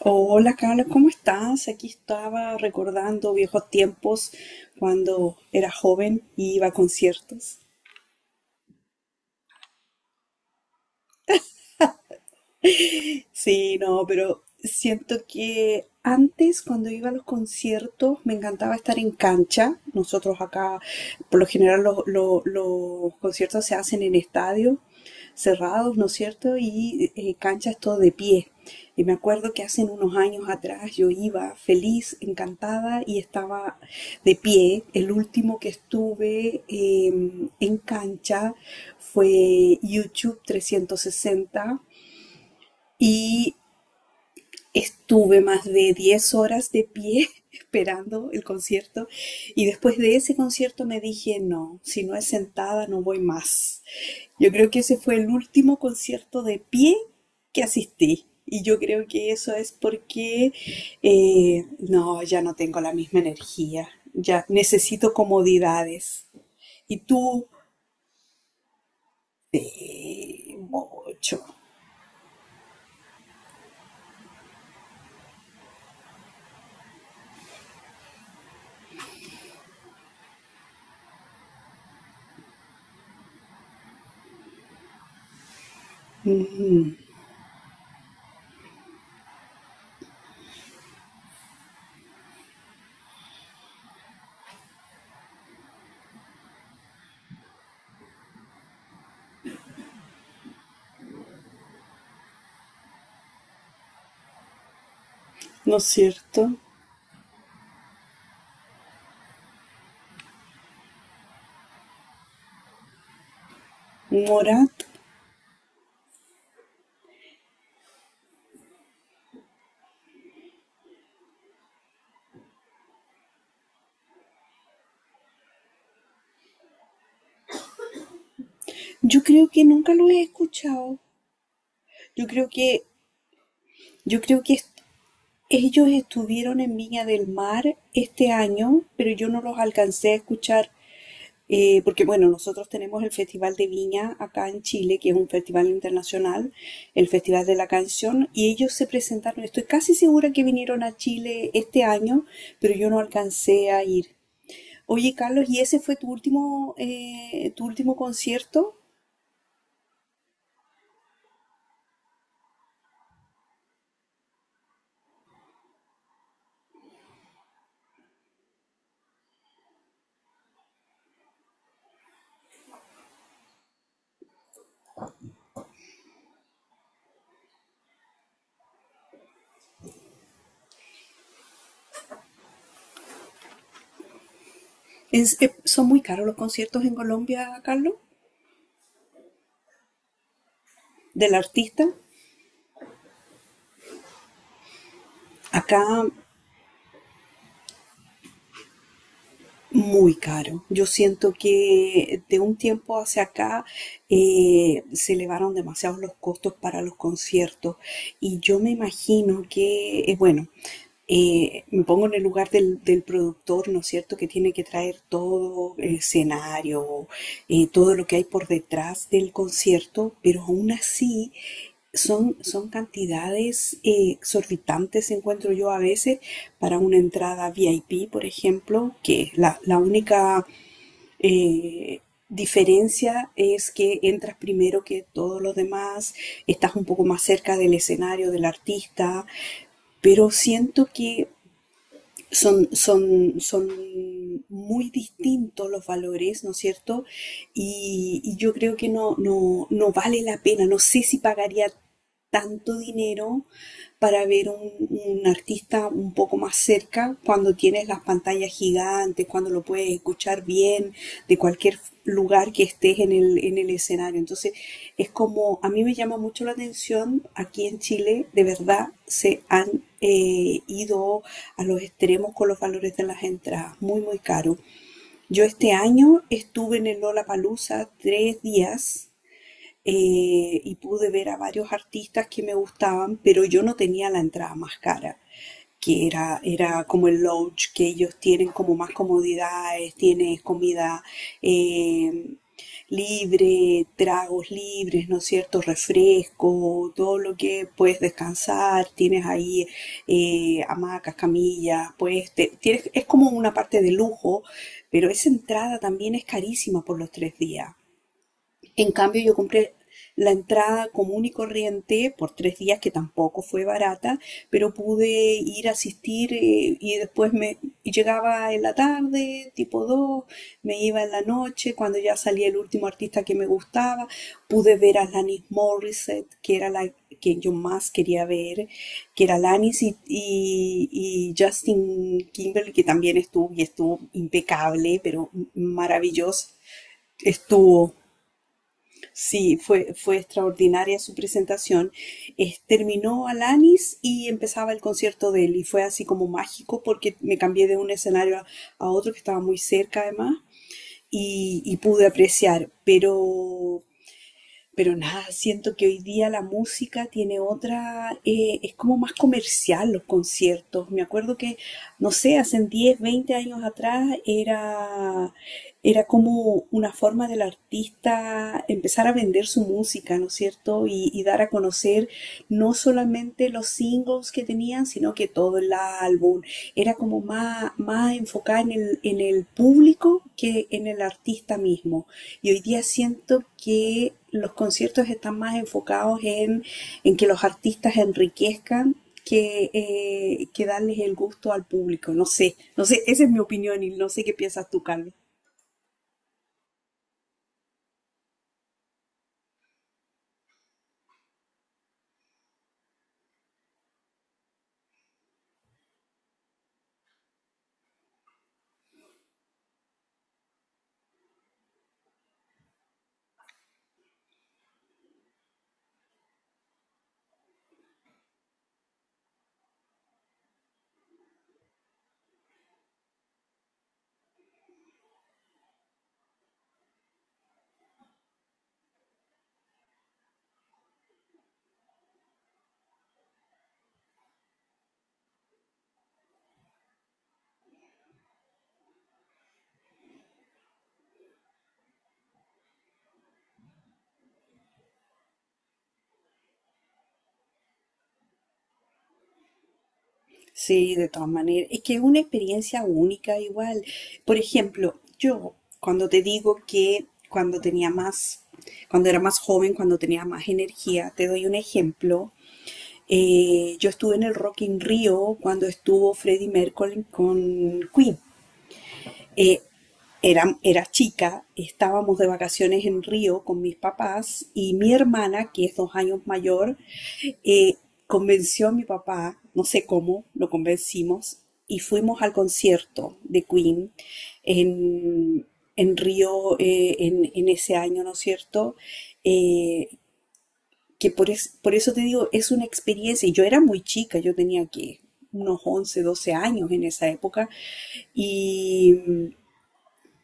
Hola Carlos, ¿cómo estás? Aquí estaba recordando viejos tiempos cuando era joven y iba a conciertos. Sí, no, pero siento que antes, cuando iba a los conciertos, me encantaba estar en cancha. Nosotros acá, por lo general, los conciertos se hacen en estadios cerrados, ¿no es cierto? Y cancha es todo de pie. Y me acuerdo que hace unos años atrás yo iba feliz, encantada, y estaba de pie. El último que estuve en cancha fue YouTube 360. Y Estuve más de 10 horas de pie esperando el concierto y después de ese concierto me dije, no, si no es sentada no voy más. Yo creo que ese fue el último concierto de pie que asistí, y yo creo que eso es porque no, ya no tengo la misma energía, ya necesito comodidades. Y tú, eh, mucho, ¿no es cierto? Morat, yo creo que nunca lo he escuchado. Yo creo que, yo creo que est- ellos estuvieron en Viña del Mar este año, pero yo no los alcancé a escuchar, porque bueno, nosotros tenemos el Festival de Viña acá en Chile, que es un festival internacional, el Festival de la Canción, y ellos se presentaron, estoy casi segura que vinieron a Chile este año, pero yo no alcancé a ir. Oye, Carlos, ¿y ese fue tu último concierto? ¿Son muy caros los conciertos en Colombia, Carlos? ¿Del artista? Acá muy caro. Yo siento que de un tiempo hacia acá se elevaron demasiados los costos para los conciertos, y yo me imagino que, bueno, me pongo en el lugar del productor, ¿no es cierto? Que tiene que traer todo el escenario, todo lo que hay por detrás del concierto, pero aún así son cantidades exorbitantes, encuentro yo a veces, para una entrada VIP, por ejemplo, que la única eh, diferencia es que entras primero que todos los demás, estás un poco más cerca del escenario, del artista, pero siento que son muy distintos los valores, ¿no es cierto? Y yo creo que no vale la pena, no sé si pagaría tanto dinero para ver un artista un poco más cerca cuando tienes las pantallas gigantes, cuando lo puedes escuchar bien de cualquier lugar que estés en en el escenario. Entonces, es como, a mí me llama mucho la atención, aquí en Chile de verdad se han ido a los extremos con los valores de las entradas, muy, muy caro. Yo este año estuve en el Lollapalooza 3 días, y pude ver a varios artistas que me gustaban, pero yo no tenía la entrada más cara, que era como el lounge, que ellos tienen como más comodidades, tienes comida, eh, libre, tragos libres, ¿no es cierto? Refresco, todo lo que puedes descansar, tienes ahí hamacas, camillas, pues tienes, es como una parte de lujo, pero esa entrada también es carísima por los 3 días. En cambio, yo compré la entrada común y corriente por 3 días, que tampoco fue barata, pero pude ir a asistir, y después me y llegaba en la tarde, tipo 2, me iba en la noche, cuando ya salía el último artista que me gustaba. Pude ver a Alanis Morissette, que era la que yo más quería ver, que era Alanis y, y Justin Timberlake, que también estuvo y estuvo impecable, pero maravilloso estuvo. Sí, fue, fue extraordinaria su presentación. Terminó Alanis y empezaba el concierto de él, y fue así como mágico porque me cambié de un escenario a otro que estaba muy cerca además, y pude apreciar, pero nada, siento que hoy día la música tiene otra, es como más comercial los conciertos. Me acuerdo que, no sé, hace 10 20 años atrás era, era como una forma del artista empezar a vender su música, ¿no es cierto? Y dar a conocer no solamente los singles que tenían, sino que todo el álbum. Era como más, más enfocada en en el público que en el artista mismo. Y hoy día siento que los conciertos están más enfocados en que los artistas enriquezcan que darles el gusto al público. No sé, no sé, esa es mi opinión y no sé qué piensas tú, Carlos. Sí, de todas maneras. Es que es una experiencia única igual. Por ejemplo, yo cuando te digo que cuando tenía más, cuando era más joven, cuando tenía más energía, te doy un ejemplo. Yo estuve en el Rock in Rio cuando estuvo Freddie Mercury con Queen. Eh, Era, era chica, estábamos de vacaciones en Río con mis papás y mi hermana, que es 2 años mayor. eh, Convenció a mi papá, no sé cómo, lo convencimos y fuimos al concierto de Queen en, en Río, en ese año, ¿no es cierto? Eh, por eso te digo, es una experiencia. Y yo era muy chica, yo tenía que unos 11 12 años en esa época, y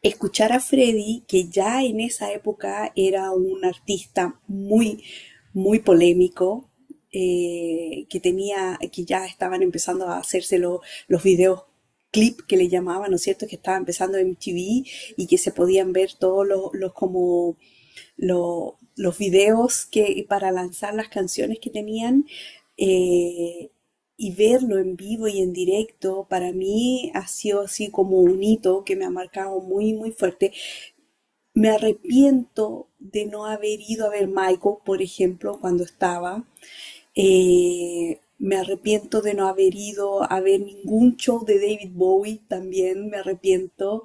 escuchar a Freddy, que ya en esa época era un artista muy, muy polémico, que tenía, que ya estaban empezando a hacerse los videos clip que le llamaban, ¿no es cierto? Que estaba empezando en MTV, y que se podían ver todos los como los videos que para lanzar las canciones que tenían, eh, y verlo en vivo y en directo, para mí ha sido así como un hito que me ha marcado muy muy fuerte. Me arrepiento de no haber ido a ver Michael, por ejemplo, cuando estaba. Me arrepiento de no haber ido a ver ningún show de David Bowie, también me arrepiento.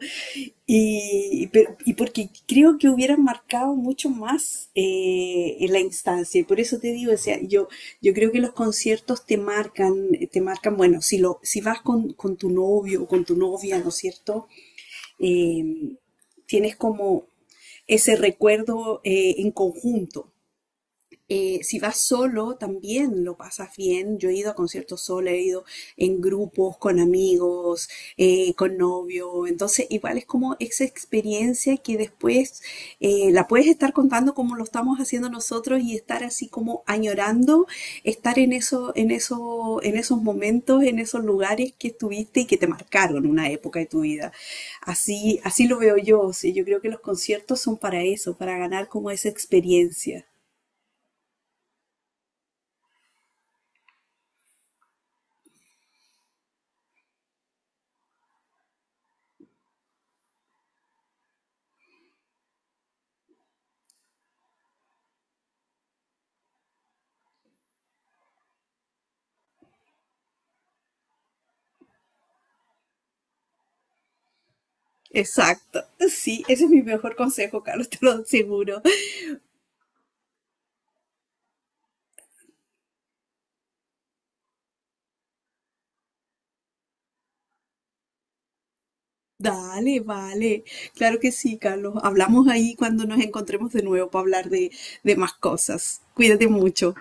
Y, y porque creo que hubieran marcado mucho más, en la instancia. Y por eso te digo, o sea, yo creo que los conciertos te marcan, bueno, si, lo, si vas con tu novio o con tu novia, ¿no es cierto? Eh, Tienes como ese recuerdo, en conjunto. Si vas solo, también lo pasas bien. Yo he ido a conciertos solo, he ido en grupos, con amigos, con novio. Entonces, igual es como esa experiencia que después la puedes estar contando como lo estamos haciendo nosotros y estar así como añorando, estar en eso, en eso, en esos momentos, en esos lugares que estuviste y que te marcaron una época de tu vida. Así, así lo veo yo. O sea, yo creo que los conciertos son para eso, para ganar como esa experiencia. Exacto, sí, ese es mi mejor consejo, Carlos, te lo aseguro. Dale, vale, claro que sí, Carlos. Hablamos ahí cuando nos encontremos de nuevo para hablar de más cosas. Cuídate mucho.